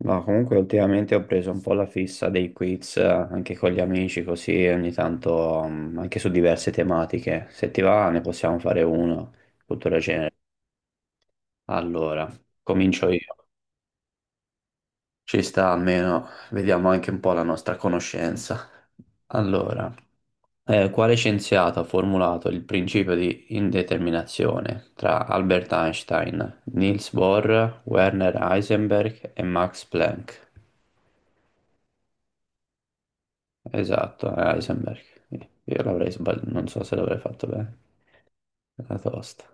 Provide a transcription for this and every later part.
Ma comunque ultimamente ho preso un po' la fissa dei quiz anche con gli amici, così ogni tanto anche su diverse tematiche. Se ti va ne possiamo fare uno, cultura genere. Allora, comincio io. Ci sta almeno, vediamo anche un po' la nostra conoscenza. Allora, quale scienziato ha formulato il principio di indeterminazione tra Albert Einstein, Niels Bohr, Werner Heisenberg e Max Planck? Esatto, a Heisenberg. Io l'avrei sbagliato, non so se l'avrei fatto bene. Era tosta.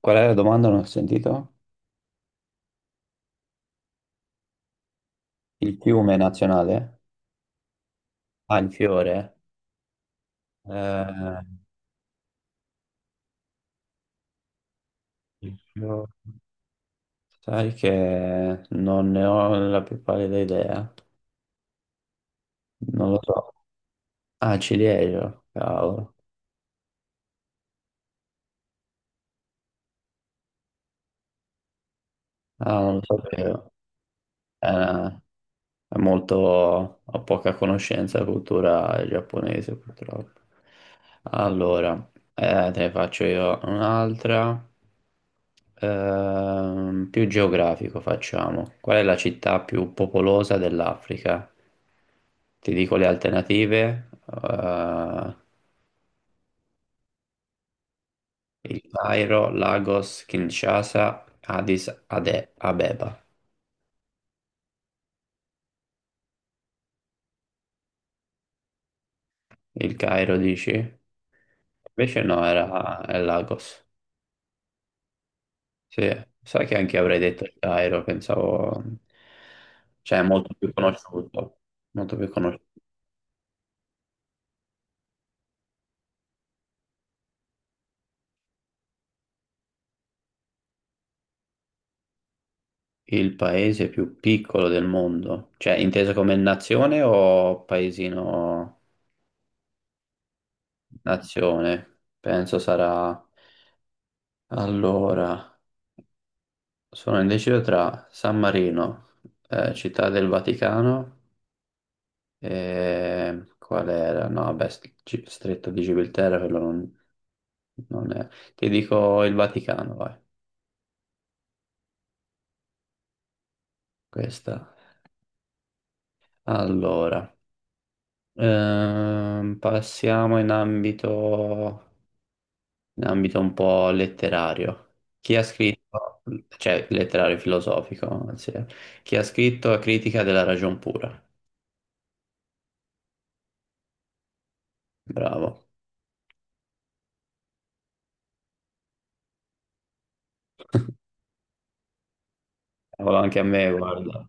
Qual è la domanda? Non ho sentito. Il fiume nazionale? Ah, il fiore. Eh, il fiore. Sai che non ne ho la più pallida idea. Non lo so. Ah, ciliegio, cavolo. Ah, non lo sapevo. Eh, è molto, ho poca conoscenza della cultura giapponese purtroppo. Allora, te ne faccio io un'altra. Più geografico facciamo. Qual è la città più popolosa dell'Africa? Ti dico le alternative, il Cairo, Lagos, Kinshasa, Abeba. Il Cairo dici? Invece no, è Lagos. Sì, sai che anche io avrei detto il Cairo, pensavo, cioè è molto più conosciuto, molto più conosciuto. Il paese più piccolo del mondo, cioè inteso come nazione o paesino nazione? Penso sarà. Allora, sono indeciso tra San Marino, Città del Vaticano e qual era? No, vabbè, Stretto di Gibilterra, quello non è. Ti dico il Vaticano, vai. Questa. Allora, passiamo in ambito un po' letterario. Chi ha scritto, cioè letterario filosofico, anzi. Chi ha scritto Critica della ragion pura? Bravo. Cavolo, anche a me, guarda.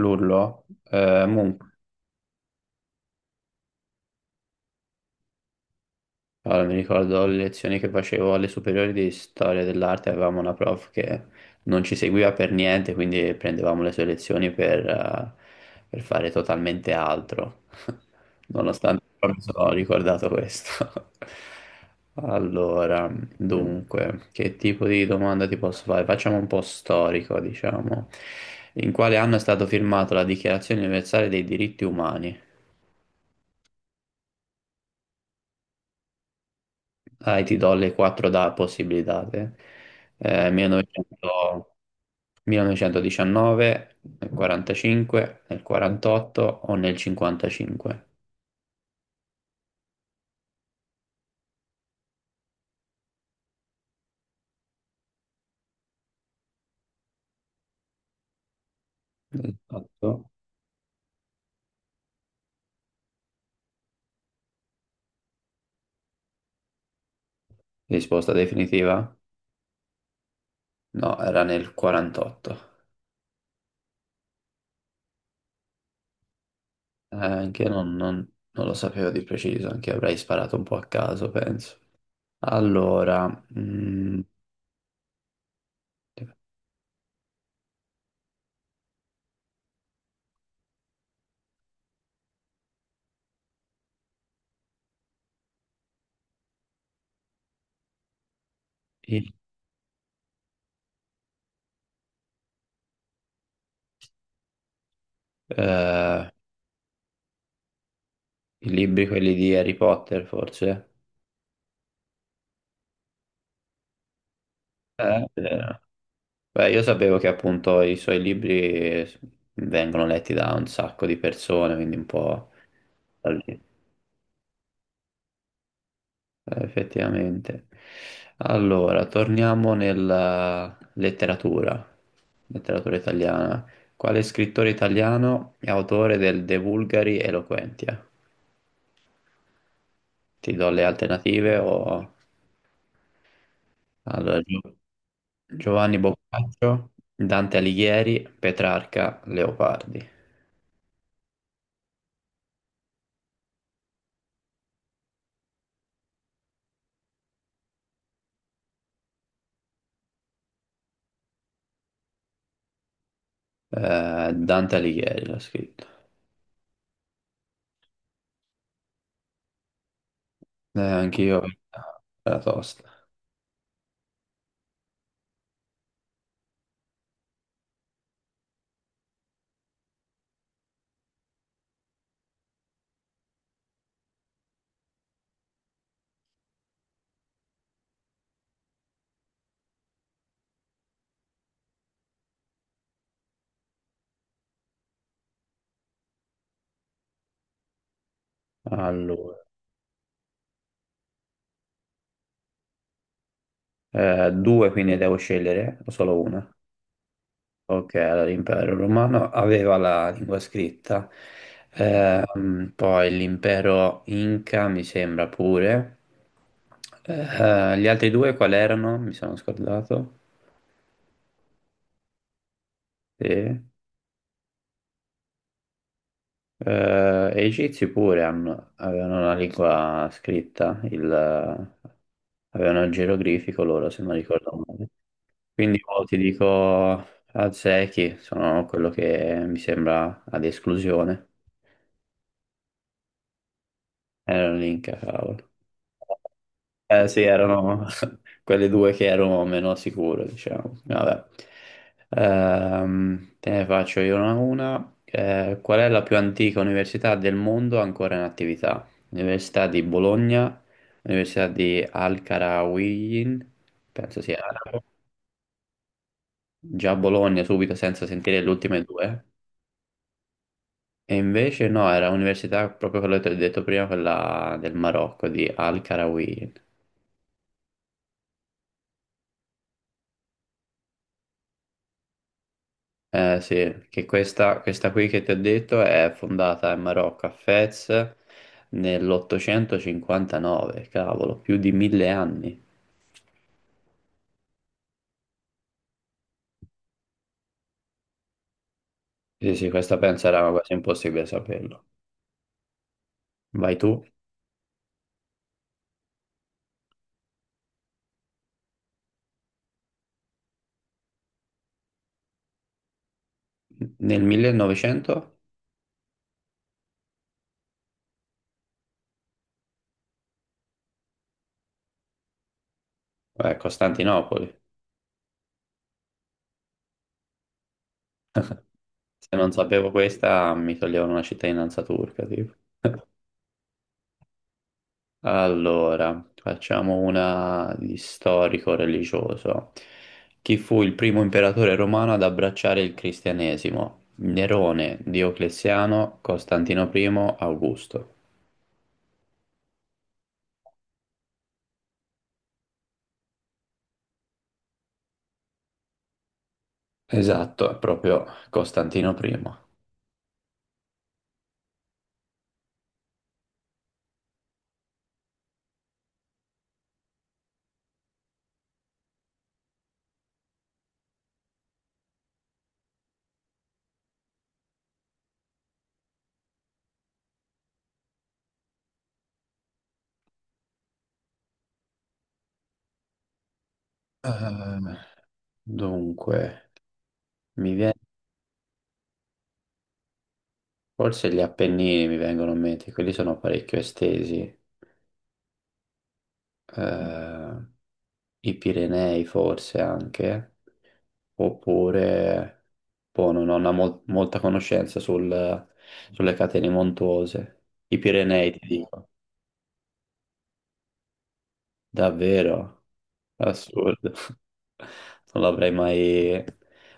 L'urlo. Munch. Allora, mi ricordo le lezioni che facevo alle superiori di storia dell'arte, avevamo una prof che non ci seguiva per niente, quindi prendevamo le sue lezioni per fare totalmente altro. Nonostante però mi sono ricordato questo. Allora, dunque, che tipo di domanda ti posso fare? Facciamo un po' storico, diciamo. In quale anno è stato firmato la Dichiarazione Universale dei diritti umani? Dai, ti do le quattro da possibilità te. 1900 1919, nel 45, nel 48 o nel 55? Esatto. Risposta definitiva? No, era nel 48. Anche io non lo sapevo di preciso, anche io avrei sparato un po' a caso, penso. Allora, mm, i, eh, i libri quelli di Harry Potter, forse? Eh, Beh, io sapevo che appunto i suoi libri vengono letti da un sacco di persone, quindi un po' da lì, effettivamente. Allora, torniamo nella letteratura, letteratura italiana. Quale scrittore italiano è autore del De Vulgari Eloquentia? Ti do le alternative o. Allora, Giovanni Boccaccio, Dante Alighieri, Petrarca, Leopardi. Dante Alighieri l'ha scritto. Anch'io la tosta. Allora, due quindi devo scegliere o solo una? Ok, allora l'impero romano aveva la lingua scritta, poi l'impero Inca mi sembra pure. Gli altri due quali erano? Mi sono scordato. Sì. E gli egizi pure avevano una lingua scritta, avevano il geroglifico loro, se non ricordo. Quindi oh, ti dico Zeki, sono quello che mi sembra ad esclusione. Erano l'Inca, cavolo. Eh sì, erano quelle due che ero meno sicuro, diciamo. Vabbè. Te ne faccio io una a una. Qual è la più antica università del mondo ancora in attività? Università di Bologna, Università di Al-Qarawiyyin, penso sia arabo. Già Bologna subito senza sentire le ultime due. E invece no, era un'università proprio quella che ti ho detto prima, quella del Marocco, di Al-Qarawi. Eh sì, che questa qui che ti ho detto è fondata in Marocco, a Fez, nell'859, cavolo, più di 1000 anni. Sì, sì, questa penso era quasi impossibile saperlo. Vai tu, nel 1900? Costantinopoli. Se non sapevo questa, mi toglievano una cittadinanza turca, tipo. Allora, facciamo una di storico-religioso. Chi fu il primo imperatore romano ad abbracciare il cristianesimo? Nerone, Diocleziano, Costantino I, Augusto. Esatto, è proprio Costantino I. Eh, dunque, mi viene, forse gli Appennini mi vengono in mente, quelli sono parecchio estesi. Eh, i Pirenei forse anche, oppure boh, non ho una molta conoscenza sulle catene montuose. I Pirenei ti dico, davvero, assurdo. Non l'avrei mai,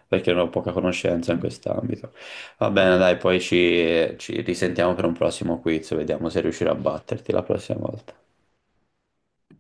perché non ho poca conoscenza in quest'ambito. Va bene, dai, poi ci risentiamo per un prossimo quiz, vediamo se riuscirò a batterti la prossima volta.